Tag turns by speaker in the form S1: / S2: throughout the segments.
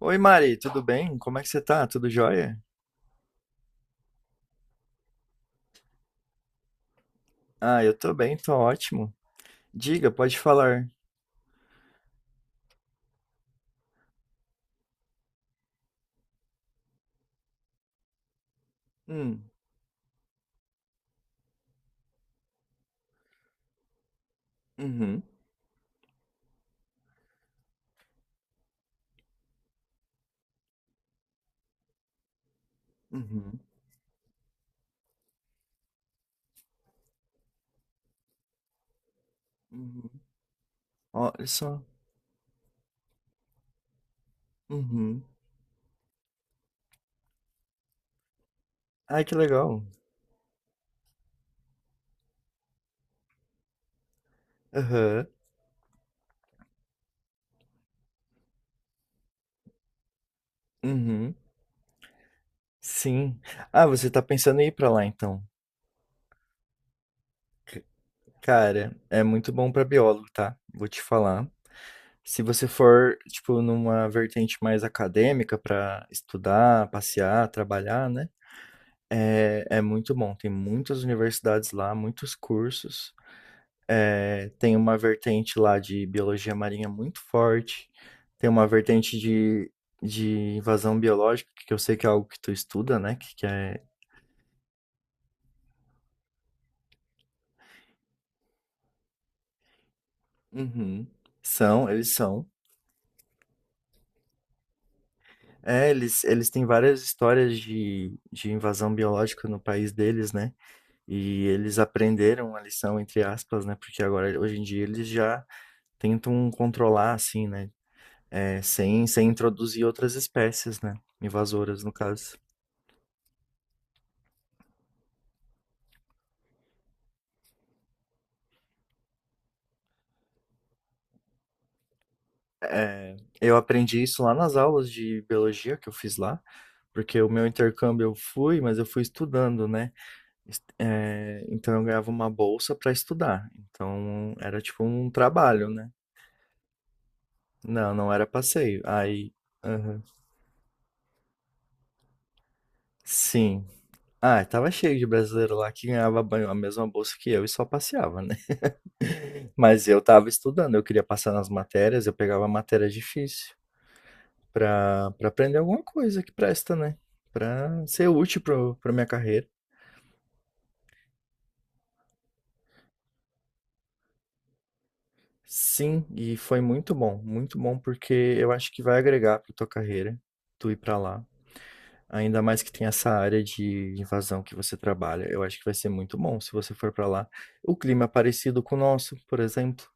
S1: Oi, Mari, tudo bem? Como é que você tá? Tudo jóia? Ah, eu tô bem, tô ótimo. Diga, pode falar. Hum, uhum, uhum, uhum. Olha só. Uhum. Ai, que legal. Aham, uhum, sim. Ah, você tá pensando em ir pra lá, então. C- Cara, é muito bom pra biólogo, tá? Vou te falar. Se você for, tipo, numa vertente mais acadêmica pra estudar, passear, trabalhar, né? É, é muito bom, tem muitas universidades lá, muitos cursos. Tem uma vertente lá de biologia marinha muito forte, tem uma vertente de, invasão biológica, que eu sei que é algo que tu estuda, né? Que é. Uhum. São, eles são. É, eles, têm várias histórias de invasão biológica no país deles, né? E eles aprenderam a lição, entre aspas, né? Porque agora, hoje em dia, eles já tentam controlar, assim, né? É, sem introduzir outras espécies, né? Invasoras, no caso. É, eu aprendi isso lá nas aulas de biologia que eu fiz lá, porque o meu intercâmbio eu fui, mas eu fui estudando, né? É, então eu ganhava uma bolsa para estudar. Então era tipo um trabalho, né? Não, não era passeio. Aí, aham. Sim. Ah, tava cheio de brasileiro lá que ganhava banho- a mesma bolsa que eu e só passeava, né? Mas eu tava estudando, eu queria passar nas matérias, eu pegava matéria difícil. Para aprender alguma coisa que presta, né? Para ser útil pra minha carreira. Sim, e foi muito bom porque eu acho que vai agregar para tua carreira, tu ir para lá. Ainda mais que tem essa área de invasão que você trabalha. Eu acho que vai ser muito bom se você for para lá. O clima é parecido com o nosso, por exemplo.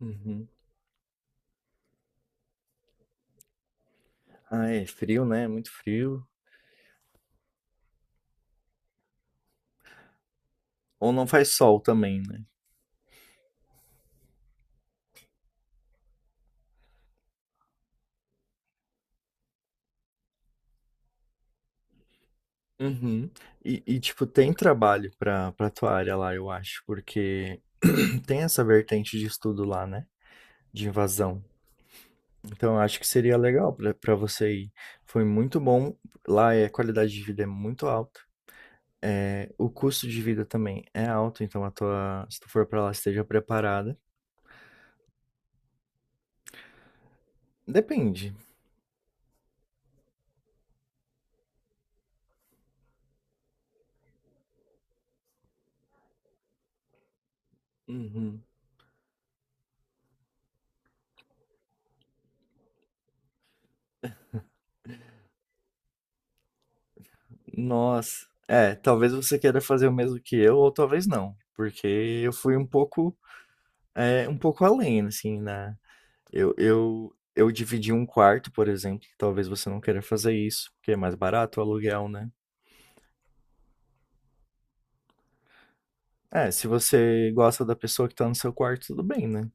S1: Uhum. Ah, é frio, né? Muito frio. Ou não faz sol também, né? Uhum. E, tipo, tem trabalho pra tua área lá, eu acho, porque tem essa vertente de estudo lá, né? De invasão. Então, eu acho que seria legal pra você ir. Foi muito bom. Lá é, a qualidade de vida é muito alta. É, o custo de vida também é alto, então se tu for pra lá, esteja preparada. Depende. Uhum. Nossa. É, talvez você queira fazer o mesmo que eu, ou talvez não. Porque eu fui um pouco, é, um pouco além, assim. Eu dividi um quarto, por exemplo. Talvez você não queira fazer isso, porque é mais barato o aluguel, né? É, se você gosta da pessoa que tá no seu quarto, tudo bem, né?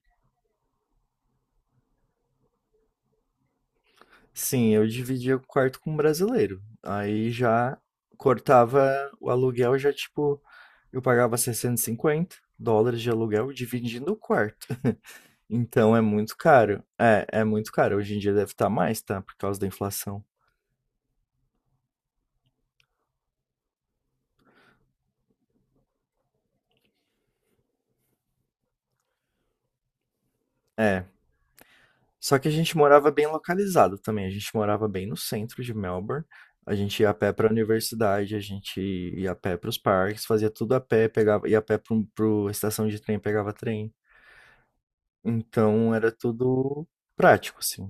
S1: Sim, eu dividia o quarto com um brasileiro. Aí já cortava o aluguel, já tipo, eu pagava 650 dólares de aluguel dividindo o quarto. Então é muito caro. É muito caro. Hoje em dia deve estar mais, tá? Por causa da inflação. É, Só que a gente morava bem localizado também, a gente morava bem no centro de Melbourne. A gente ia a pé para a universidade, a gente ia a pé para os parques, fazia tudo a pé, pegava, ia a pé para a estação de trem, pegava trem. Então era tudo prático, assim.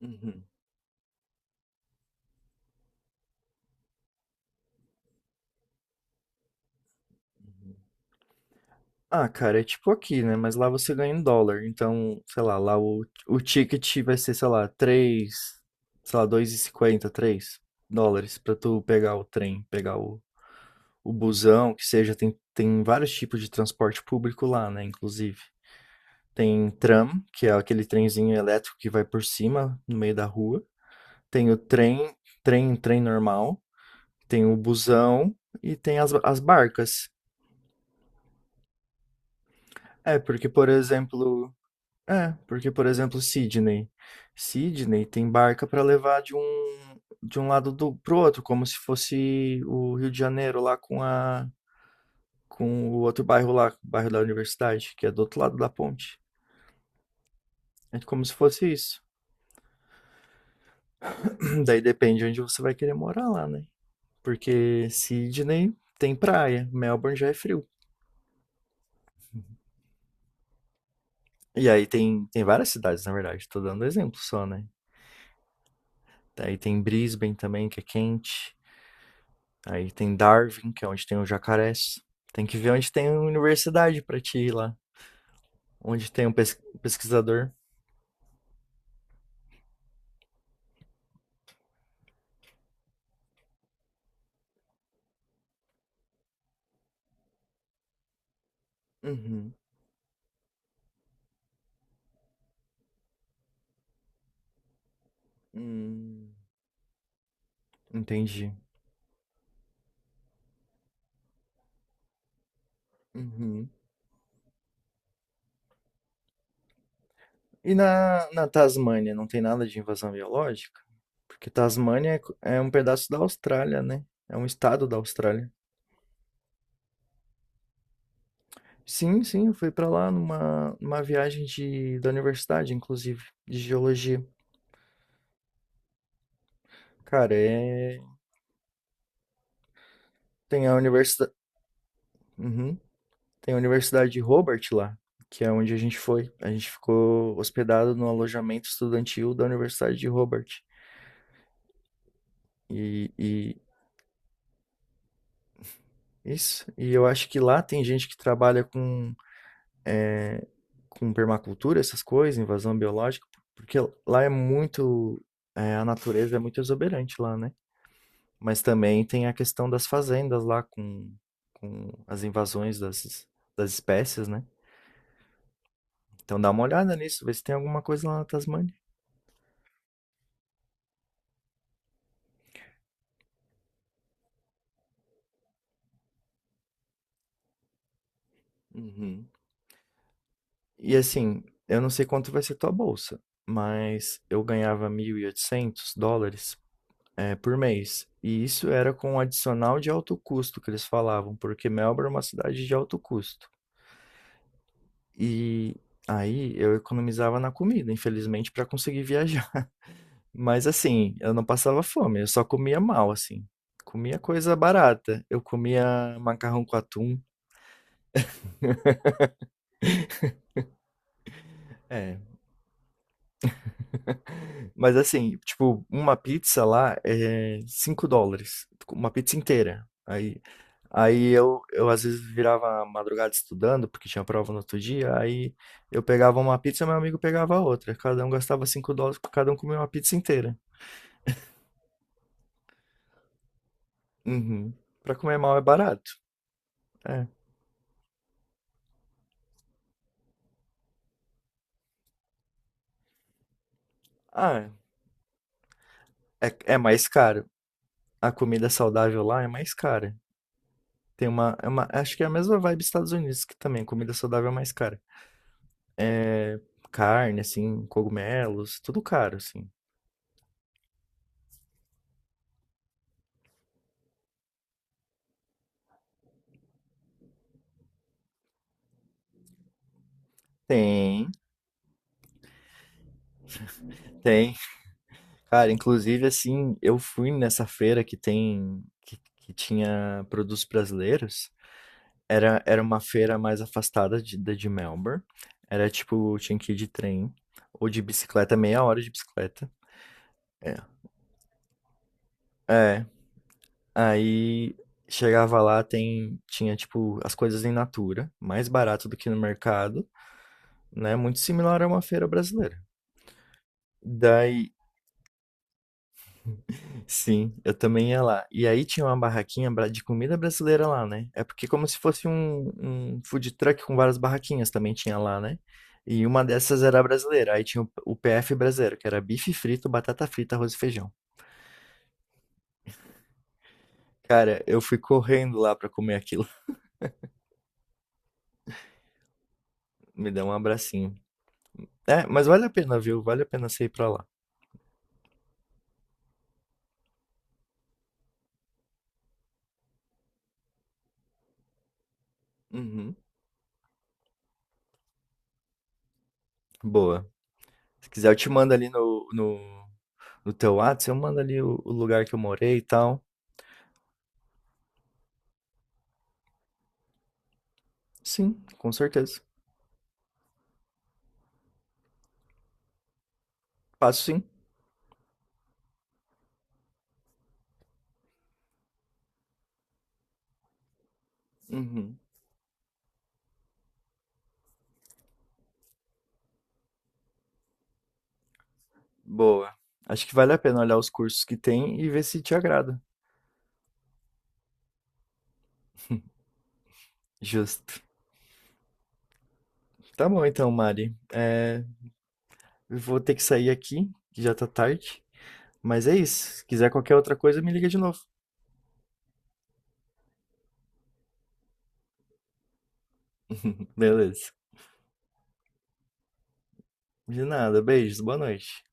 S1: Uhum. Ah, cara, é tipo aqui, né? Mas lá você ganha em dólar. Então, sei lá, lá o, ticket vai ser, sei lá, 3 sei lá, dois e cinquenta três dólares pra tu pegar o trem, pegar o busão, que seja, tem, tem vários tipos de transporte público lá, né, inclusive. Tem tram, que é aquele trenzinho elétrico que vai por cima, no meio da rua. Tem o trem, trem normal. Tem o busão e tem as, as barcas. É, porque, por exemplo... É, porque, por exemplo, Sydney. Sydney tem barca para levar de um lado do, pro outro, como se fosse o Rio de Janeiro lá com a com o outro bairro lá, o bairro da universidade, que é do outro lado da ponte. É como se fosse isso. Daí depende de onde você vai querer morar lá, né? Porque Sydney tem praia, Melbourne já é frio. E aí tem, tem várias cidades, na verdade, tô dando exemplo só, né? Aí tem Brisbane também, que é quente. Aí tem Darwin, que é onde tem o jacarés. Tem que ver onde tem a universidade pra ti ir lá. Onde tem um pesquisador. Uhum. Hum, entendi. Uhum. E na Tasmânia, não tem nada de invasão biológica? Porque Tasmânia é co é um pedaço da Austrália, né, é um estado da Austrália. Sim, sim, eu fui pra lá numa viagem de da universidade, inclusive, de geologia. Cara, tem a universidade Tem a Universidade de Hobart lá, que é onde a gente foi. A gente ficou hospedado no alojamento estudantil da Universidade de Hobart. E isso, e eu acho que lá tem gente que trabalha com permacultura, essas coisas, invasão biológica, porque lá é muito, é, a natureza é muito exuberante lá, né? Mas também tem a questão das fazendas lá com as invasões das espécies, né? Então dá uma olhada nisso, vê se tem alguma coisa lá na Tasmânia. Uhum. E assim, eu não sei quanto vai ser tua bolsa, mas eu ganhava US$ 1.800 é, por mês. E isso era com um adicional de alto custo que eles falavam, porque Melbourne é uma cidade de alto custo. E aí eu economizava na comida, infelizmente, para conseguir viajar. Mas assim, eu não passava fome, eu só comia mal, assim. Comia coisa barata. Eu comia macarrão com atum. É. Mas assim, tipo, uma pizza lá é US$ 5. Uma pizza inteira. Aí, aí eu às vezes virava a madrugada estudando, porque tinha prova no outro dia. Aí eu pegava uma pizza, meu amigo pegava outra. Cada um gastava US$ 5, cada um comia uma pizza inteira. Uhum. Pra comer mal é barato. É. Ah, é, é mais caro. A comida saudável lá é mais cara. Tem uma, é uma- Acho que é a mesma vibe dos Estados Unidos, que também comida saudável é mais cara. Carne, assim, cogumelos, tudo caro, assim. Tem, tem. Cara, inclusive, assim, eu fui nessa feira que tem. Que tinha produtos brasileiros. Era, era uma feira mais afastada de, da de Melbourne. Era tipo, tinha que ir de trem ou de bicicleta, meia hora de bicicleta. É, aí chegava lá, tem, tinha tipo as coisas em natura, mais barato do que no mercado, né? Muito similar a uma feira brasileira. Daí, sim, eu também ia lá. E aí tinha uma barraquinha de comida brasileira lá, né? É porque como se fosse um, um food truck com várias barraquinhas também tinha lá, né? E uma dessas era brasileira. Aí tinha o, PF brasileiro, que era bife frito, batata frita, arroz e feijão. Cara, eu fui correndo lá pra comer aquilo. Me deu um abracinho. É, mas vale a pena, viu? Vale a pena você ir pra lá. Uhum. Boa. Se quiser, eu te mando ali no, teu Whats, eu mando ali o lugar que eu morei e tal. Sim, com certeza. Passo sim. Uhum. Boa. Acho que vale a pena olhar os cursos que tem e ver se te agrada. Justo. Tá bom então, Mari. É, eu vou ter que sair aqui, que já tá tarde. Mas é isso. Se quiser qualquer outra coisa, me liga de novo. Beleza. De nada. Beijos. Boa noite.